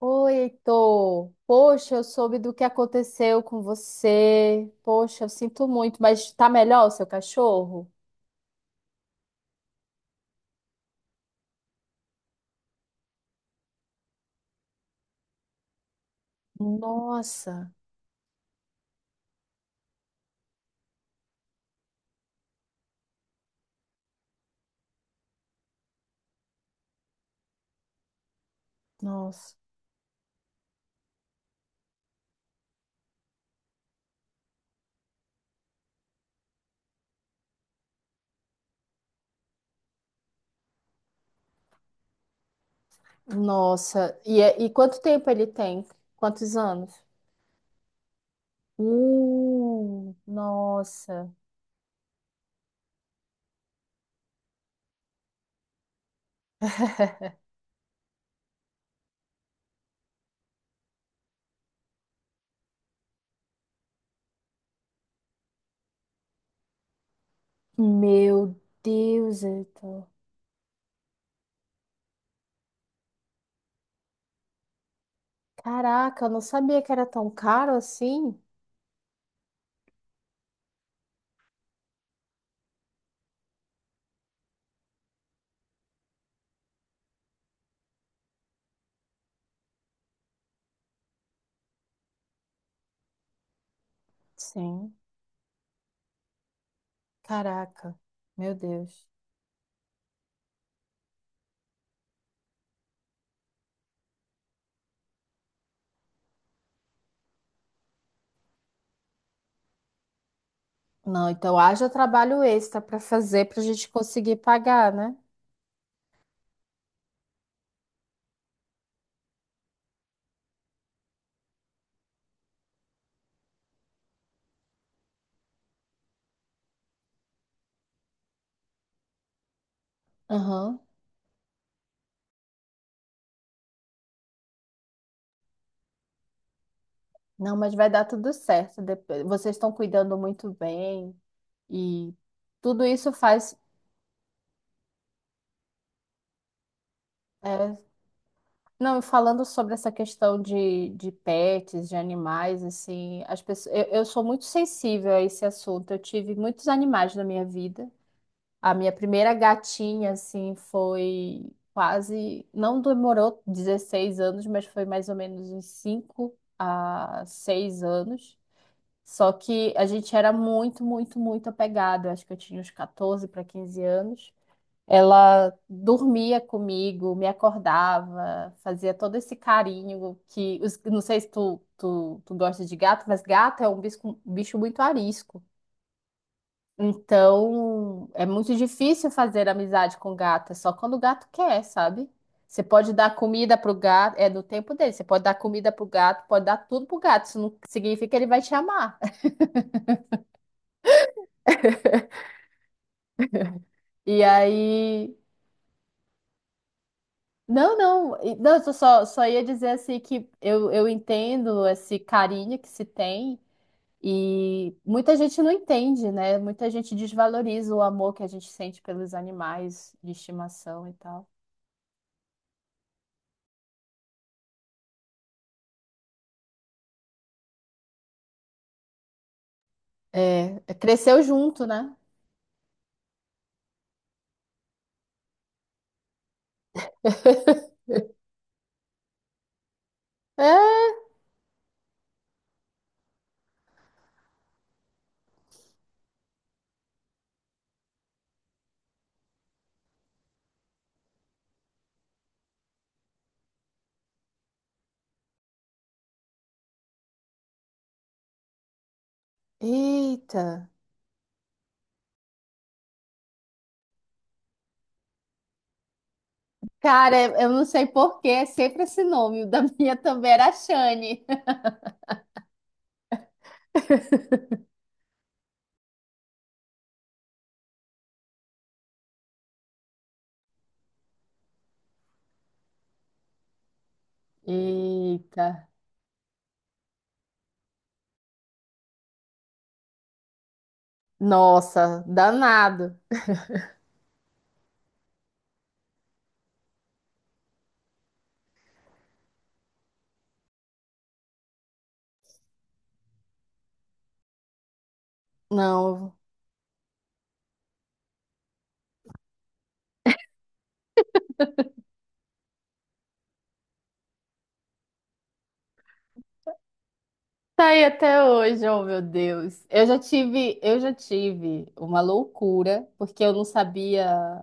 Oi, Heitor. Poxa, eu soube do que aconteceu com você. Poxa, eu sinto muito, mas tá melhor o seu cachorro? Nossa, nossa, nossa. E, e quanto tempo ele tem? Quantos anos? Nossa. Meu Deus, Heitor. Caraca, eu não sabia que era tão caro assim. Sim. Caraca, meu Deus. Não, então haja trabalho extra para fazer para a gente conseguir pagar, né? Aham. Não, mas vai dar tudo certo. Vocês estão cuidando muito bem e tudo isso faz. é, Não, e falando sobre essa questão de pets, de animais, assim, as pessoas, eu sou muito sensível a esse assunto. Eu tive muitos animais na minha vida. A minha primeira gatinha, assim, foi quase, não demorou 16 anos, mas foi mais ou menos uns 5 a 6 anos. Só que a gente era muito, muito, muito apegado. Eu acho que eu tinha uns 14 para 15 anos. Ela dormia comigo, me acordava, fazia todo esse carinho que não sei se tu gosta de gato, mas gato é um bicho muito arisco. Então, é muito difícil fazer amizade com gato, é só quando o gato quer, sabe? Você pode dar comida pro gato, é do tempo dele. Você pode dar comida pro gato, pode dar tudo pro gato. Isso não significa que ele vai te amar. E aí Não, não, não, eu só ia dizer assim que eu entendo esse carinho que se tem e muita gente não entende, né? Muita gente desvaloriza o amor que a gente sente pelos animais de estimação e tal. É, é, cresceu junto, né? É, eita. Cara, eu não sei por que é sempre esse nome. O da minha também era Shane. Eita. Nossa, danado. Não. Tá aí até hoje, oh meu Deus. Eu já tive uma loucura, porque eu não sabia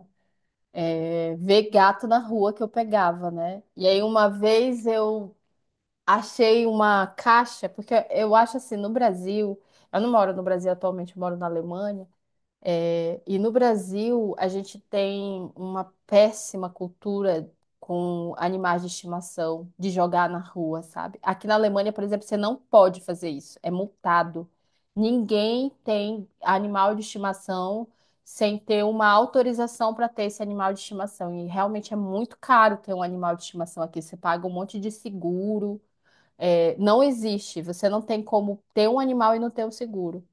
ver gato na rua que eu pegava, né? E aí uma vez eu achei uma caixa, porque eu acho assim, no Brasil, eu não moro no Brasil atualmente, eu moro na Alemanha, e no Brasil, a gente tem uma péssima cultura com animais de estimação, de jogar na rua, sabe? Aqui na Alemanha, por exemplo, você não pode fazer isso, é multado. Ninguém tem animal de estimação sem ter uma autorização para ter esse animal de estimação. E realmente é muito caro ter um animal de estimação aqui. Você paga um monte de seguro. É, não existe. Você não tem como ter um animal e não ter um seguro.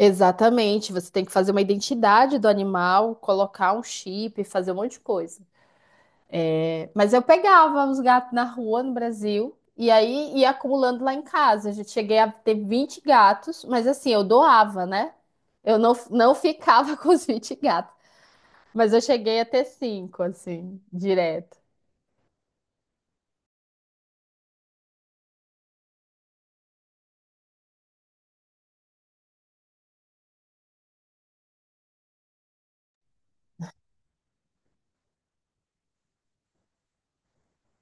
Exatamente, você tem que fazer uma identidade do animal, colocar um chip, fazer um monte de coisa. É. Mas eu pegava os gatos na rua no Brasil e aí ia acumulando lá em casa. Eu já cheguei a ter 20 gatos, mas assim, eu doava, né? Eu não ficava com os 20 gatos, mas eu cheguei a ter cinco assim, direto.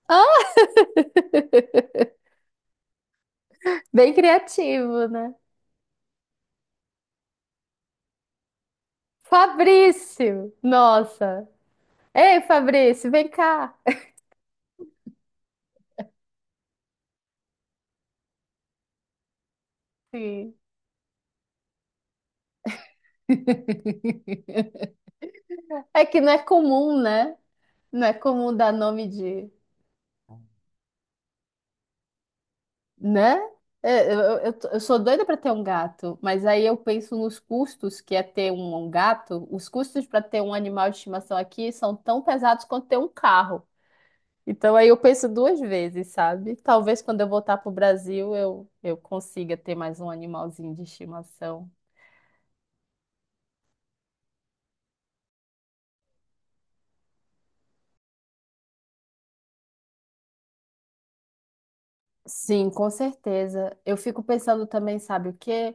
Ah, bem criativo, né? Fabrício! Nossa! Ei, Fabrício, vem cá! Sim. É que não é comum, né? Não é comum dar nome de, né? Eu sou doida para ter um gato, mas aí eu penso nos custos que é ter um gato. Os custos para ter um animal de estimação aqui são tão pesados quanto ter um carro. Então aí eu penso duas vezes, sabe? Talvez quando eu voltar pro Brasil eu consiga ter mais um animalzinho de estimação. Sim, com certeza. Eu fico pensando também, sabe o quê?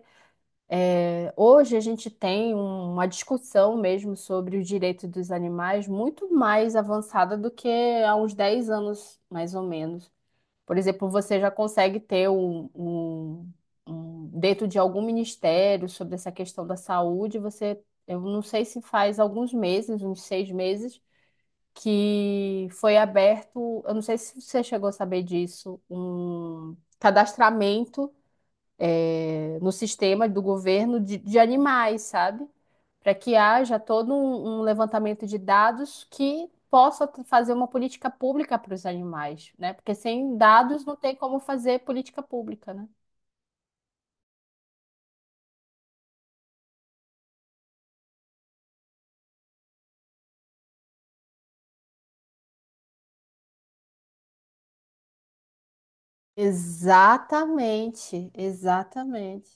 Hoje a gente tem uma discussão mesmo sobre o direito dos animais muito mais avançada do que há uns 10 anos, mais ou menos. Por exemplo, você já consegue ter dentro de algum ministério sobre essa questão da saúde, você, eu não sei se faz alguns meses, uns 6 meses, que foi aberto, eu não sei se você chegou a saber disso, um cadastramento no sistema do governo de animais, sabe? Para que haja todo um levantamento de dados que possa fazer uma política pública para os animais, né? Porque sem dados não tem como fazer política pública, né? Exatamente, exatamente,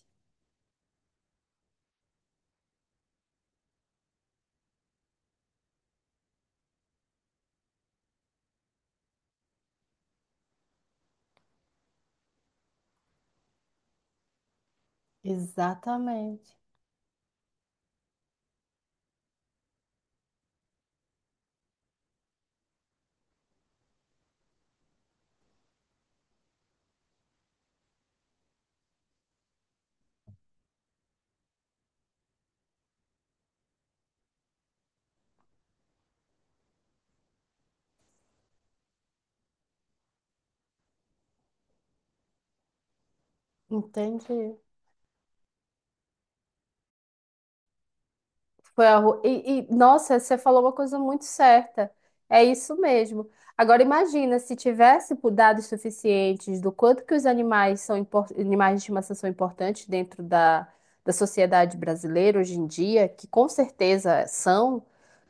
exatamente. Entendi. Foi a rua. E, nossa, você falou uma coisa muito certa. É isso mesmo. Agora imagina se tivesse por dados suficientes do quanto que os animais são animais de estimação são importantes dentro da sociedade brasileira hoje em dia, que com certeza são,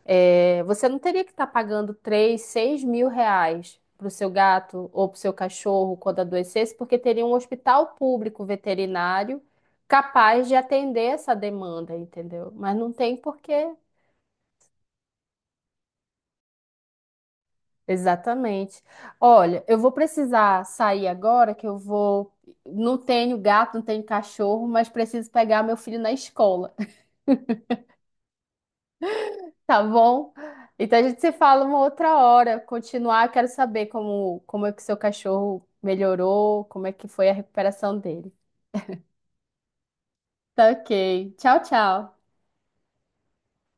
você não teria que estar pagando 3 6 mil reais para o seu gato ou para o seu cachorro quando adoecesse, porque teria um hospital público veterinário capaz de atender essa demanda, entendeu? Mas não tem porque. Exatamente. Olha, eu vou precisar sair agora, que eu vou. Não tenho gato, não tenho cachorro, mas preciso pegar meu filho na escola, tá bom? Então a gente se fala uma outra hora. Continuar, quero saber como é que seu cachorro melhorou, como é que foi a recuperação dele. Tá ok. Tchau, tchau.